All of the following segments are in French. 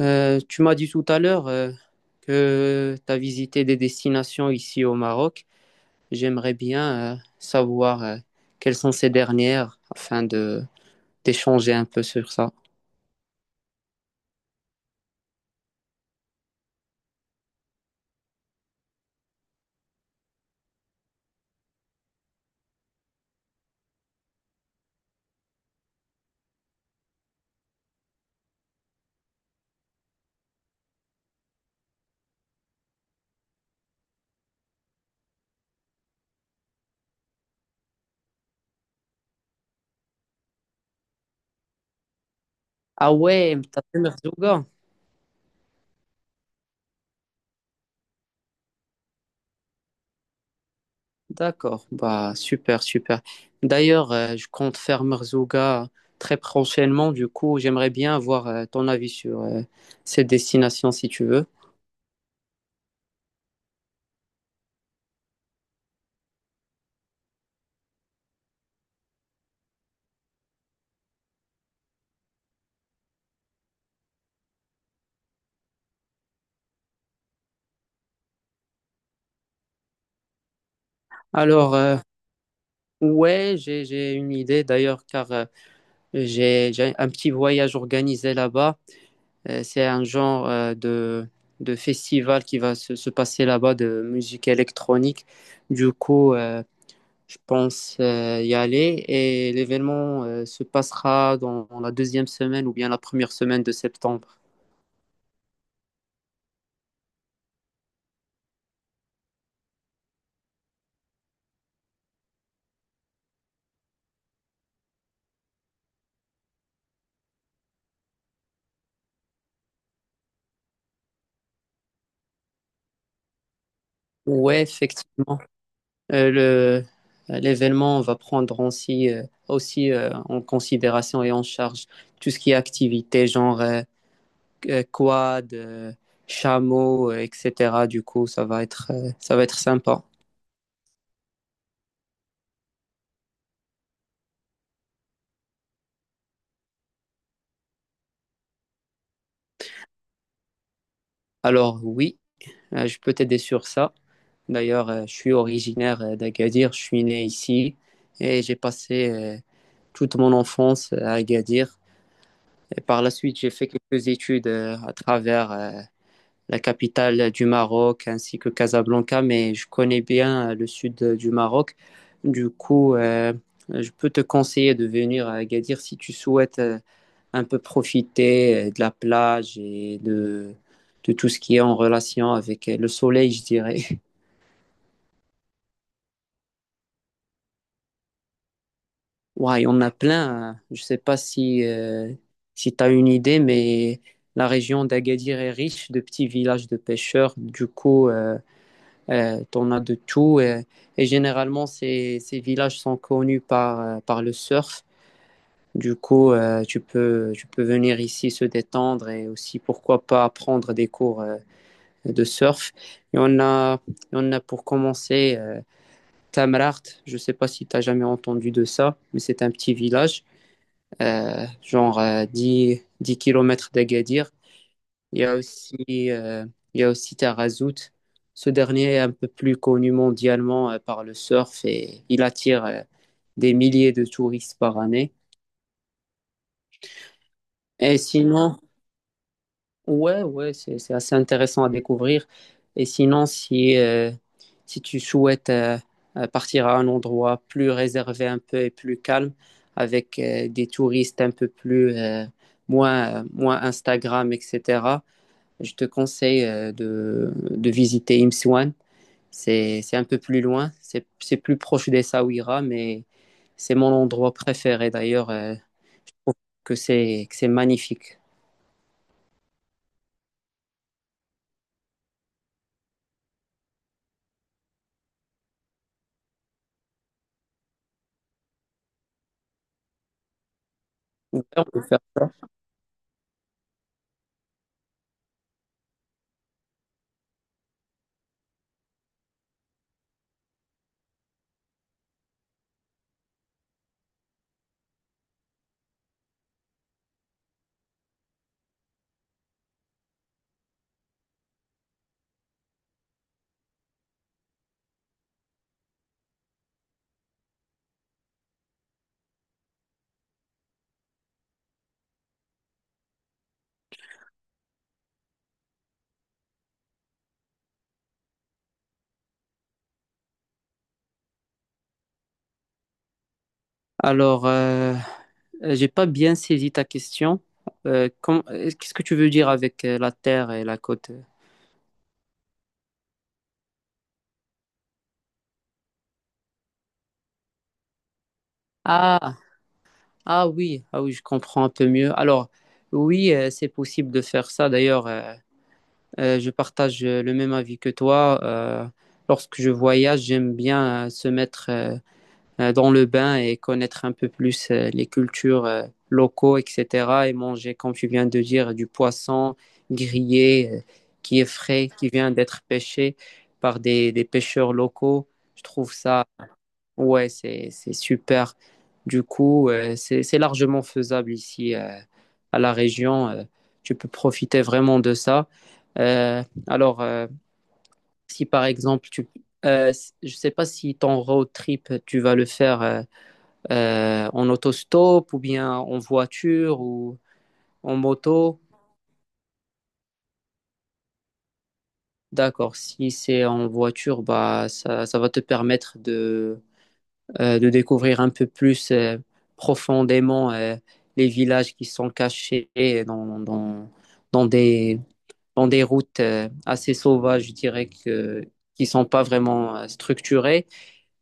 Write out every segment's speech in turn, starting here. Tu m'as dit tout à l'heure que tu as visité des destinations ici au Maroc. J'aimerais bien savoir quelles sont ces dernières afin de d'échanger un peu sur ça. Ah ouais, t'as fait Merzouga. D'accord, bah super, super. D'ailleurs, je compte faire Merzouga très prochainement. Du coup, j'aimerais bien avoir ton avis sur cette destination si tu veux. Alors, euh, ouais, j'ai une idée d'ailleurs car j'ai un petit voyage organisé là-bas. C'est un genre de festival qui va se passer là-bas de musique électronique. Du coup, je pense y aller et l'événement se passera dans la deuxième semaine ou bien la première semaine de septembre. Ouais, effectivement. Euh, le, L'événement va prendre aussi, en considération et en charge tout ce qui est activité, genre quad, chameau, etc. Du coup, ça va être sympa. Alors oui, je peux t'aider sur ça. D'ailleurs, je suis originaire d'Agadir, je suis né ici et j'ai passé toute mon enfance à Agadir. Et par la suite, j'ai fait quelques études à travers la capitale du Maroc, ainsi que Casablanca, mais je connais bien le sud du Maroc. Du coup, je peux te conseiller de venir à Agadir si tu souhaites un peu profiter de la plage et de tout ce qui est en relation avec le soleil, je dirais. Ouais, on a plein, hein. Je sais pas si tu as une idée, mais la région d'Agadir est riche de petits villages de pêcheurs. Du coup, t'en as de tout. Et généralement, ces villages sont connus par le surf. Du coup, tu peux venir ici se détendre et aussi, pourquoi pas, prendre des cours de surf. Et on a pour commencer Tamraght. Je ne sais pas si tu as jamais entendu de ça, mais c'est un petit village, genre 10 10 km d'Agadir. Il y a aussi, euh, il y a aussi Tarazout. Ce dernier est un peu plus connu mondialement par le surf et il attire des milliers de touristes par année. Et sinon, ouais, ouais, c'est assez intéressant à découvrir. Et sinon, si tu souhaites partir à un endroit plus réservé un peu et plus calme, avec des touristes un peu plus, moins Instagram, etc., je te conseille de visiter Imswan. C'est un peu plus loin, c'est plus proche des Saouira, mais c'est mon endroit préféré d'ailleurs. Je trouve que c'est magnifique. On peut faire- Alors, j'ai pas bien saisi ta question. Qu'est-ce que tu veux dire avec la terre et la côte? Ah, oui, ah oui, je comprends un peu mieux. Alors, oui, c'est possible de faire ça. D'ailleurs, je partage le même avis que toi. Lorsque je voyage, j'aime bien se mettre dans le bain et connaître un peu plus les cultures locaux, etc. Et manger, comme tu viens de dire, du poisson grillé qui est frais, qui vient d'être pêché par des pêcheurs locaux. Je trouve ça, ouais, c'est super. Du coup, c'est largement faisable ici à la région. Tu peux profiter vraiment de ça. Euh, alors, si par exemple, euh, je ne sais pas si ton road trip, tu vas le faire, en autostop ou bien en voiture ou en moto. D'accord, si c'est en voiture, bah, ça va te permettre de découvrir un peu plus profondément les villages qui sont cachés dans, dans, dans des, dans des routes assez sauvages, je dirais, qui sont pas vraiment structurées,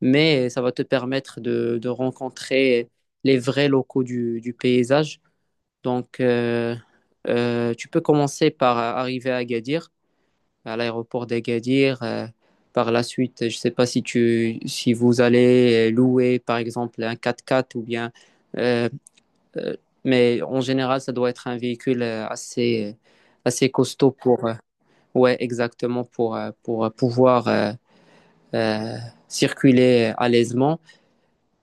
mais ça va te permettre de rencontrer les vrais locaux du paysage. Donc, tu peux commencer par arriver à Agadir, à l'aéroport d'Agadir. Par la suite, je ne sais pas si vous allez louer, par exemple, un 4x4 ou bien, euh, euh, mais en général, ça doit être un véhicule assez costaud pour, ouais, exactement, pour pouvoir euh, circuler à l'aisement.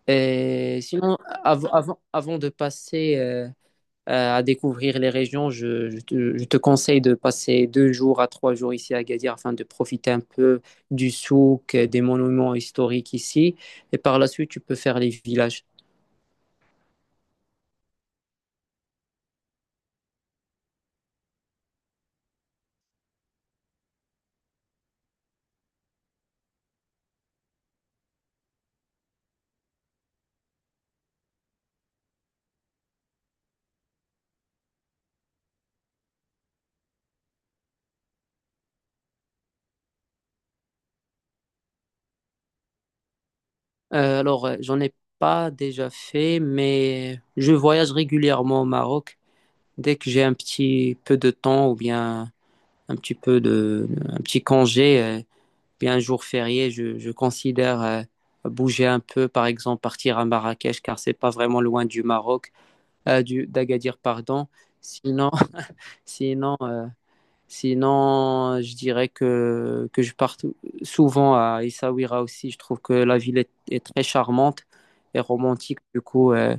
Et sinon, avant de passer à découvrir les régions, je te conseille de passer 2 jours à 3 jours ici à Agadir afin de profiter un peu du souk, des monuments historiques ici. Et par la suite, tu peux faire les villages. Alors, j'en ai pas déjà fait, mais je voyage régulièrement au Maroc. Dès que j'ai un petit peu de temps ou bien un petit congé, bien un jour férié, je considère bouger un peu, par exemple partir à Marrakech, car c'est pas vraiment loin du Maroc. D'Agadir, pardon. Sinon, sinon, euh, je dirais que je pars souvent à Essaouira aussi. Je trouve que la ville est très charmante et romantique. Du coup, euh,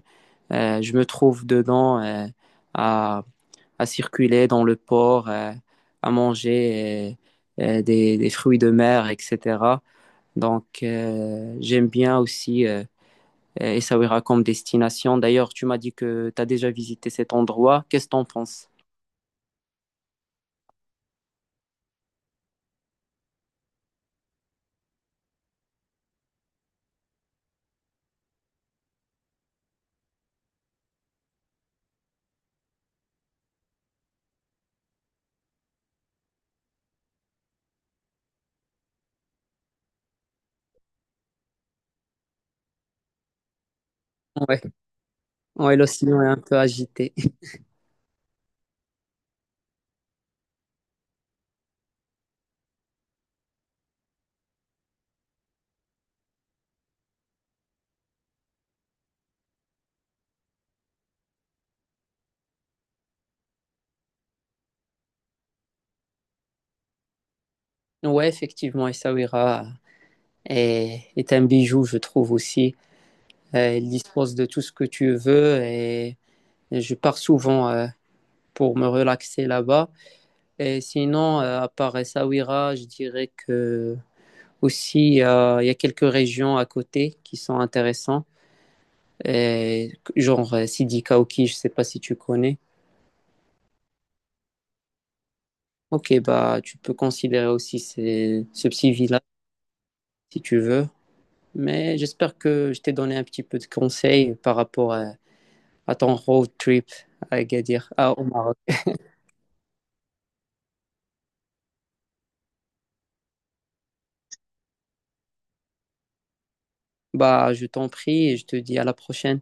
euh, je me trouve dedans à, à circuler dans le port, à manger des fruits de mer, etc. Donc, j'aime bien aussi. Essaouira comme destination. D'ailleurs, tu m'as dit que tu as déjà visité cet endroit. Qu'est-ce que tu en penses? Ouais. Ouais, l'océan est un peu agité. Ouais, effectivement, Essaouira est un bijou, je trouve aussi. Il dispose de tout ce que tu veux et je pars souvent pour me relaxer là-bas. Et sinon, à part Essaouira, je dirais que aussi il y a quelques régions à côté qui sont intéressantes. Et genre Sidi Kaouki, je ne sais pas si tu connais. Ok, bah tu peux considérer aussi ce petit village si tu veux. Mais j'espère que je t'ai donné un petit peu de conseils par rapport à ton road trip à Agadir, au Maroc. Bah je t'en prie et je te dis à la prochaine.